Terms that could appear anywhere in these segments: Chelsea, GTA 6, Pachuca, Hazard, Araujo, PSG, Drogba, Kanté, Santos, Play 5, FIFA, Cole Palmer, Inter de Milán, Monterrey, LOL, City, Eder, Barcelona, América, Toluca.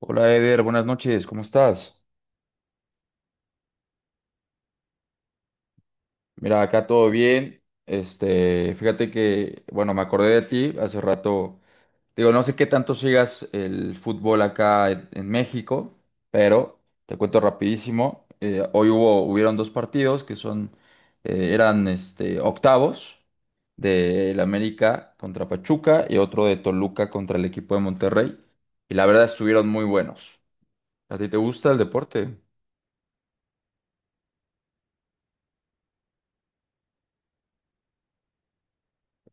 Hola Eder, buenas noches, ¿cómo estás? Mira, acá todo bien. Fíjate que, bueno, me acordé de ti hace rato. Digo, no sé qué tanto sigas el fútbol acá en México, pero te cuento rapidísimo. Hoy hubieron dos partidos que son, eran este, octavos del América contra Pachuca y otro de Toluca contra el equipo de Monterrey. Y la verdad estuvieron muy buenos. ¿A ti te gusta el deporte?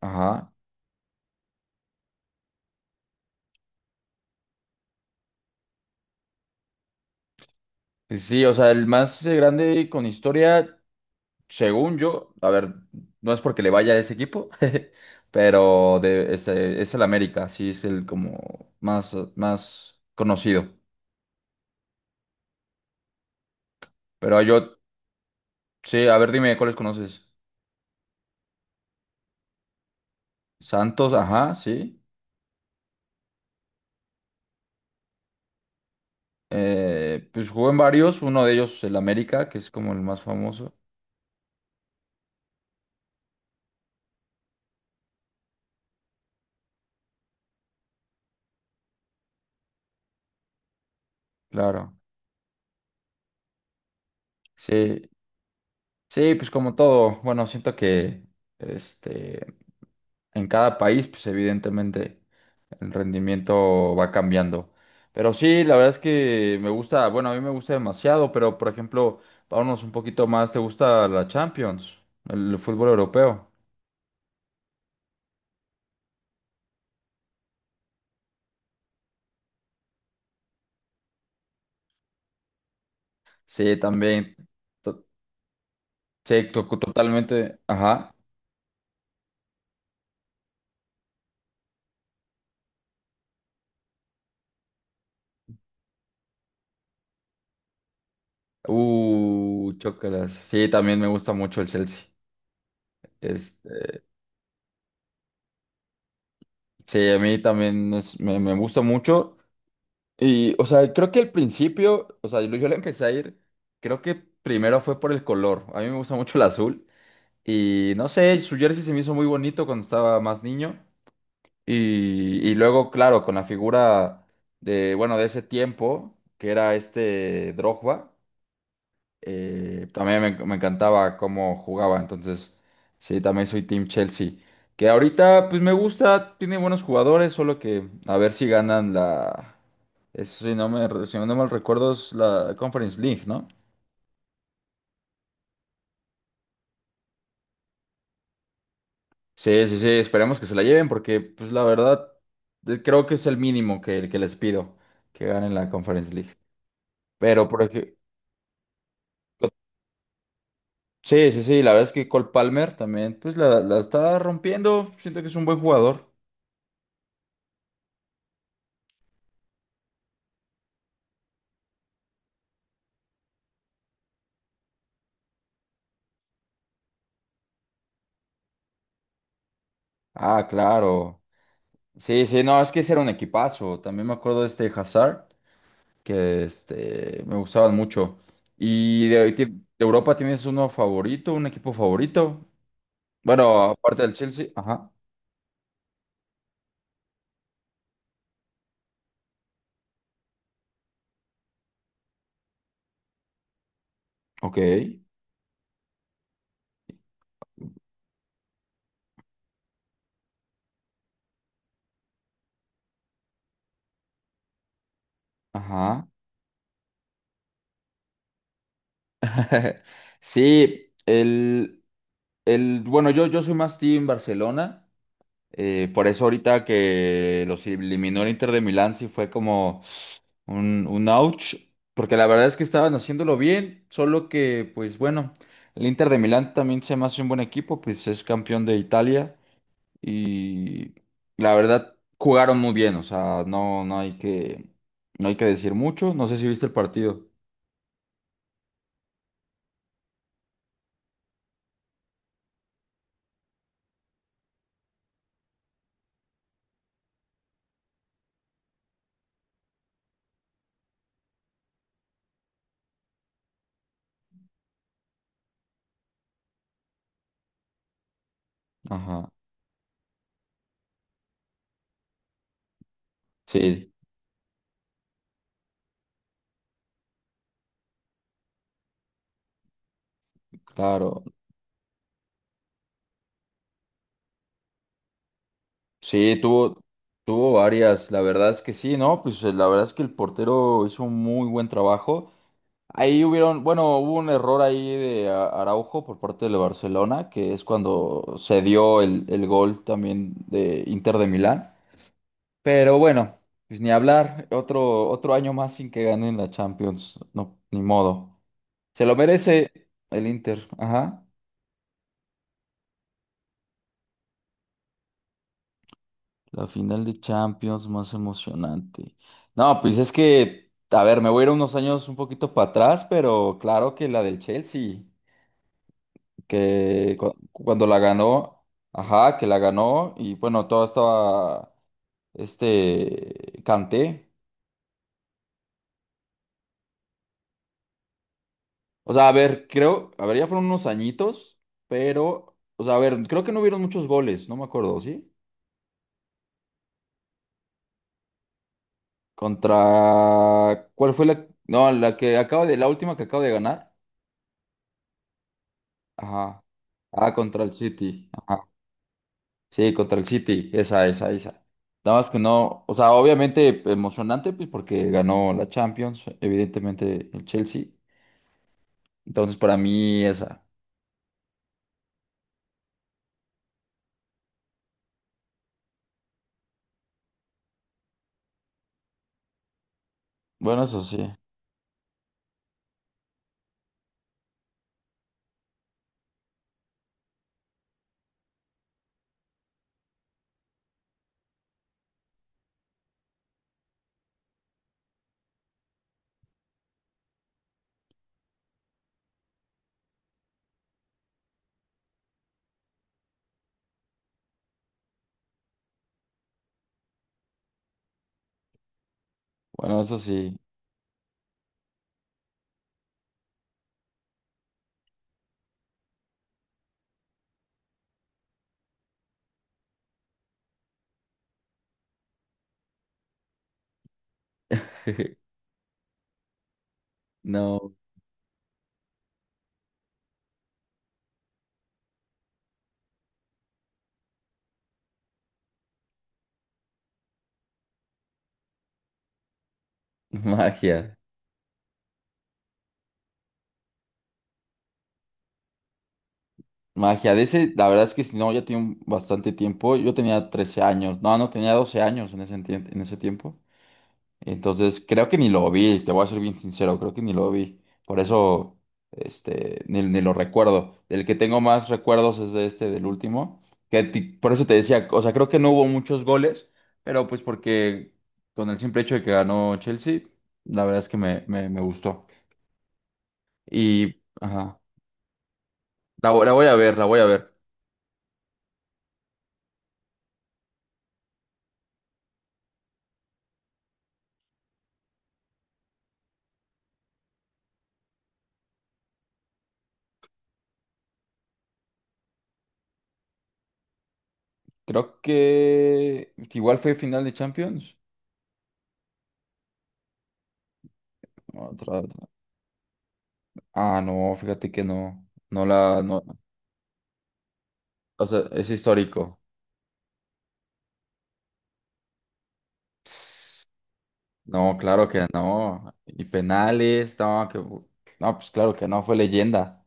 Ajá. Sí, o sea, el más grande con historia, según yo, a ver, no es porque le vaya a ese equipo, pero es el América, sí es el como más, más conocido. Pero yo, sí, a ver, dime cuáles conoces. Santos, ajá, sí. Pues jugó en varios, uno de ellos el América, que es como el más famoso, claro. Sí, sí, pues como todo, bueno, siento que este, en cada país, pues evidentemente el rendimiento va cambiando. Pero sí, la verdad es que me gusta, bueno, a mí me gusta demasiado, pero por ejemplo, vámonos un poquito más, ¿te gusta la Champions, el fútbol europeo? Sí, también, to- totalmente, ajá. Chócalas. Sí, también me gusta mucho el Chelsea. Este, sí, a mí también me, gusta mucho. Y, o sea, creo que al principio, o sea, yo le empecé a ir, creo que primero fue por el color. A mí me gusta mucho el azul. Y no sé, su jersey se me hizo muy bonito cuando estaba más niño. Y luego, claro, con la figura de, bueno, de ese tiempo, que era este Drogba, también me encantaba cómo jugaba. Entonces, sí, también soy Team Chelsea. Que ahorita, pues me gusta, tiene buenos jugadores, solo que a ver si ganan la... Eso sí, no me, si no mal recuerdo, es la Conference League, ¿no? Sí, sí, sí, esperemos que se la lleven porque, pues, la verdad, creo que es el mínimo que les pido que ganen la Conference League. Pero, por ejemplo, sí, sí, sí, la verdad es que Cole Palmer también, pues, la está rompiendo. Siento que es un buen jugador. Ah, claro. Sí, sí, no, es que ese era un equipazo. También me acuerdo de este Hazard, que este, me gustaban mucho. ¿Y de Europa tienes uno favorito, un equipo favorito? Bueno, aparte del Chelsea, ajá, ok, ajá. Sí, bueno, yo soy más team Barcelona, por eso ahorita que los eliminó el Inter de Milán sí fue como un ouch, porque la verdad es que estaban haciéndolo bien, solo que, pues bueno, el Inter de Milán también se me hace un buen equipo, pues es campeón de Italia y la verdad jugaron muy bien, o sea, no hay que, no hay que decir mucho, no sé si viste el partido. Ajá, sí, claro. Sí, tuvo varias, la verdad es que sí, ¿no? Pues la verdad es que el portero hizo un muy buen trabajo. Ahí hubieron, bueno, hubo un error ahí de Araujo por parte del Barcelona, que es cuando se dio el gol también de Inter de Milán. Pero bueno, pues ni hablar, otro, otro año más sin que ganen la Champions, no, ni modo. Se lo merece el Inter, ajá. La final de Champions más emocionante. No, pues es que, a ver, me voy a ir unos años un poquito para atrás, pero claro que la del Chelsea, que cuando la ganó, ajá, que la ganó y bueno, todo estaba, este, Kanté. O sea, a ver, creo, a ver, ya fueron unos añitos, pero, o sea, a ver, creo que no hubieron muchos goles, no me acuerdo, ¿sí? Contra, ¿cuál fue la? No, la que acaba de, la última que acaba de ganar. Ajá. Ah, contra el City. Ajá. Sí, contra el City. Esa, esa, esa. Nada más que no, o sea, obviamente emocionante, pues porque ganó la Champions, evidentemente el Chelsea. Entonces, para mí, esa. Bueno, eso sí. Bueno, eso sí. No, magia. Magia. De ese, la verdad es que si no, ya tiene un- bastante tiempo. Yo tenía 13 años. No, no tenía 12 años en ese, en ese tiempo. Entonces, creo que ni lo vi, te voy a ser bien sincero, creo que ni lo vi. Por eso, ni, ni lo recuerdo. Del que tengo más recuerdos es de este, del último. Que por eso te decía, o sea, creo que no hubo muchos goles, pero pues porque con el simple hecho de que ganó Chelsea, la verdad es que me gustó. Y, ajá, la voy a ver, la voy a ver. Creo que igual fue final de Champions. Otra, otra. Ah, no, fíjate que no, no, o sea, es histórico. Ps, no, claro que no. Y penales, no, que... no, pues claro que no, fue leyenda.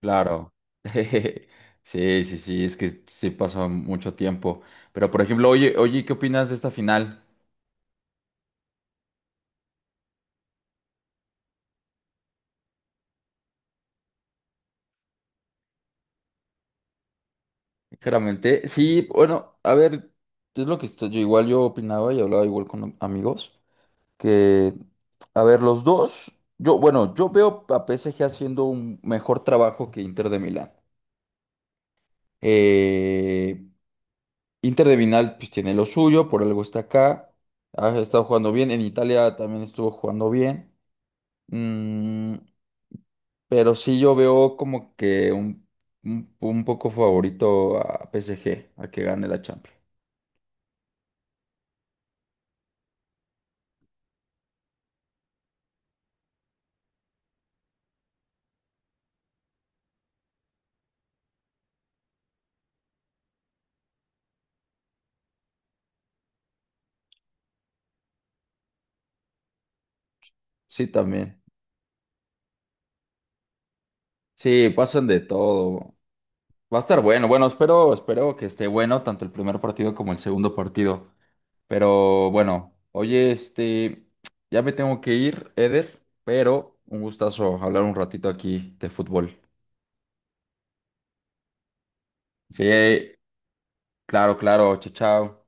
Claro. Sí, sí, sí, es que sí pasó mucho tiempo. Pero por ejemplo, oye, oye, ¿qué opinas de esta final? Claramente, sí, bueno, a ver, es lo que yo igual yo opinaba y hablaba igual con amigos, que, a ver, los dos, yo, bueno, yo veo a P S G haciendo un mejor trabajo que Inter de Milán. Eh, Inter de Vinal pues tiene lo suyo, por algo está acá. Ha estado jugando bien. En Italia también estuvo jugando bien. Mm, pero sí yo veo como que un poco favorito a PSG, a que gane la Champions. Sí, también. Sí, pasan de todo. Va a estar bueno. Bueno, espero, espero que esté bueno tanto el primer partido como el segundo partido. Pero bueno, oye, ya me tengo que ir, Eder, pero un gustazo hablar un ratito aquí de fútbol. Sí, claro, claro, chao, chao.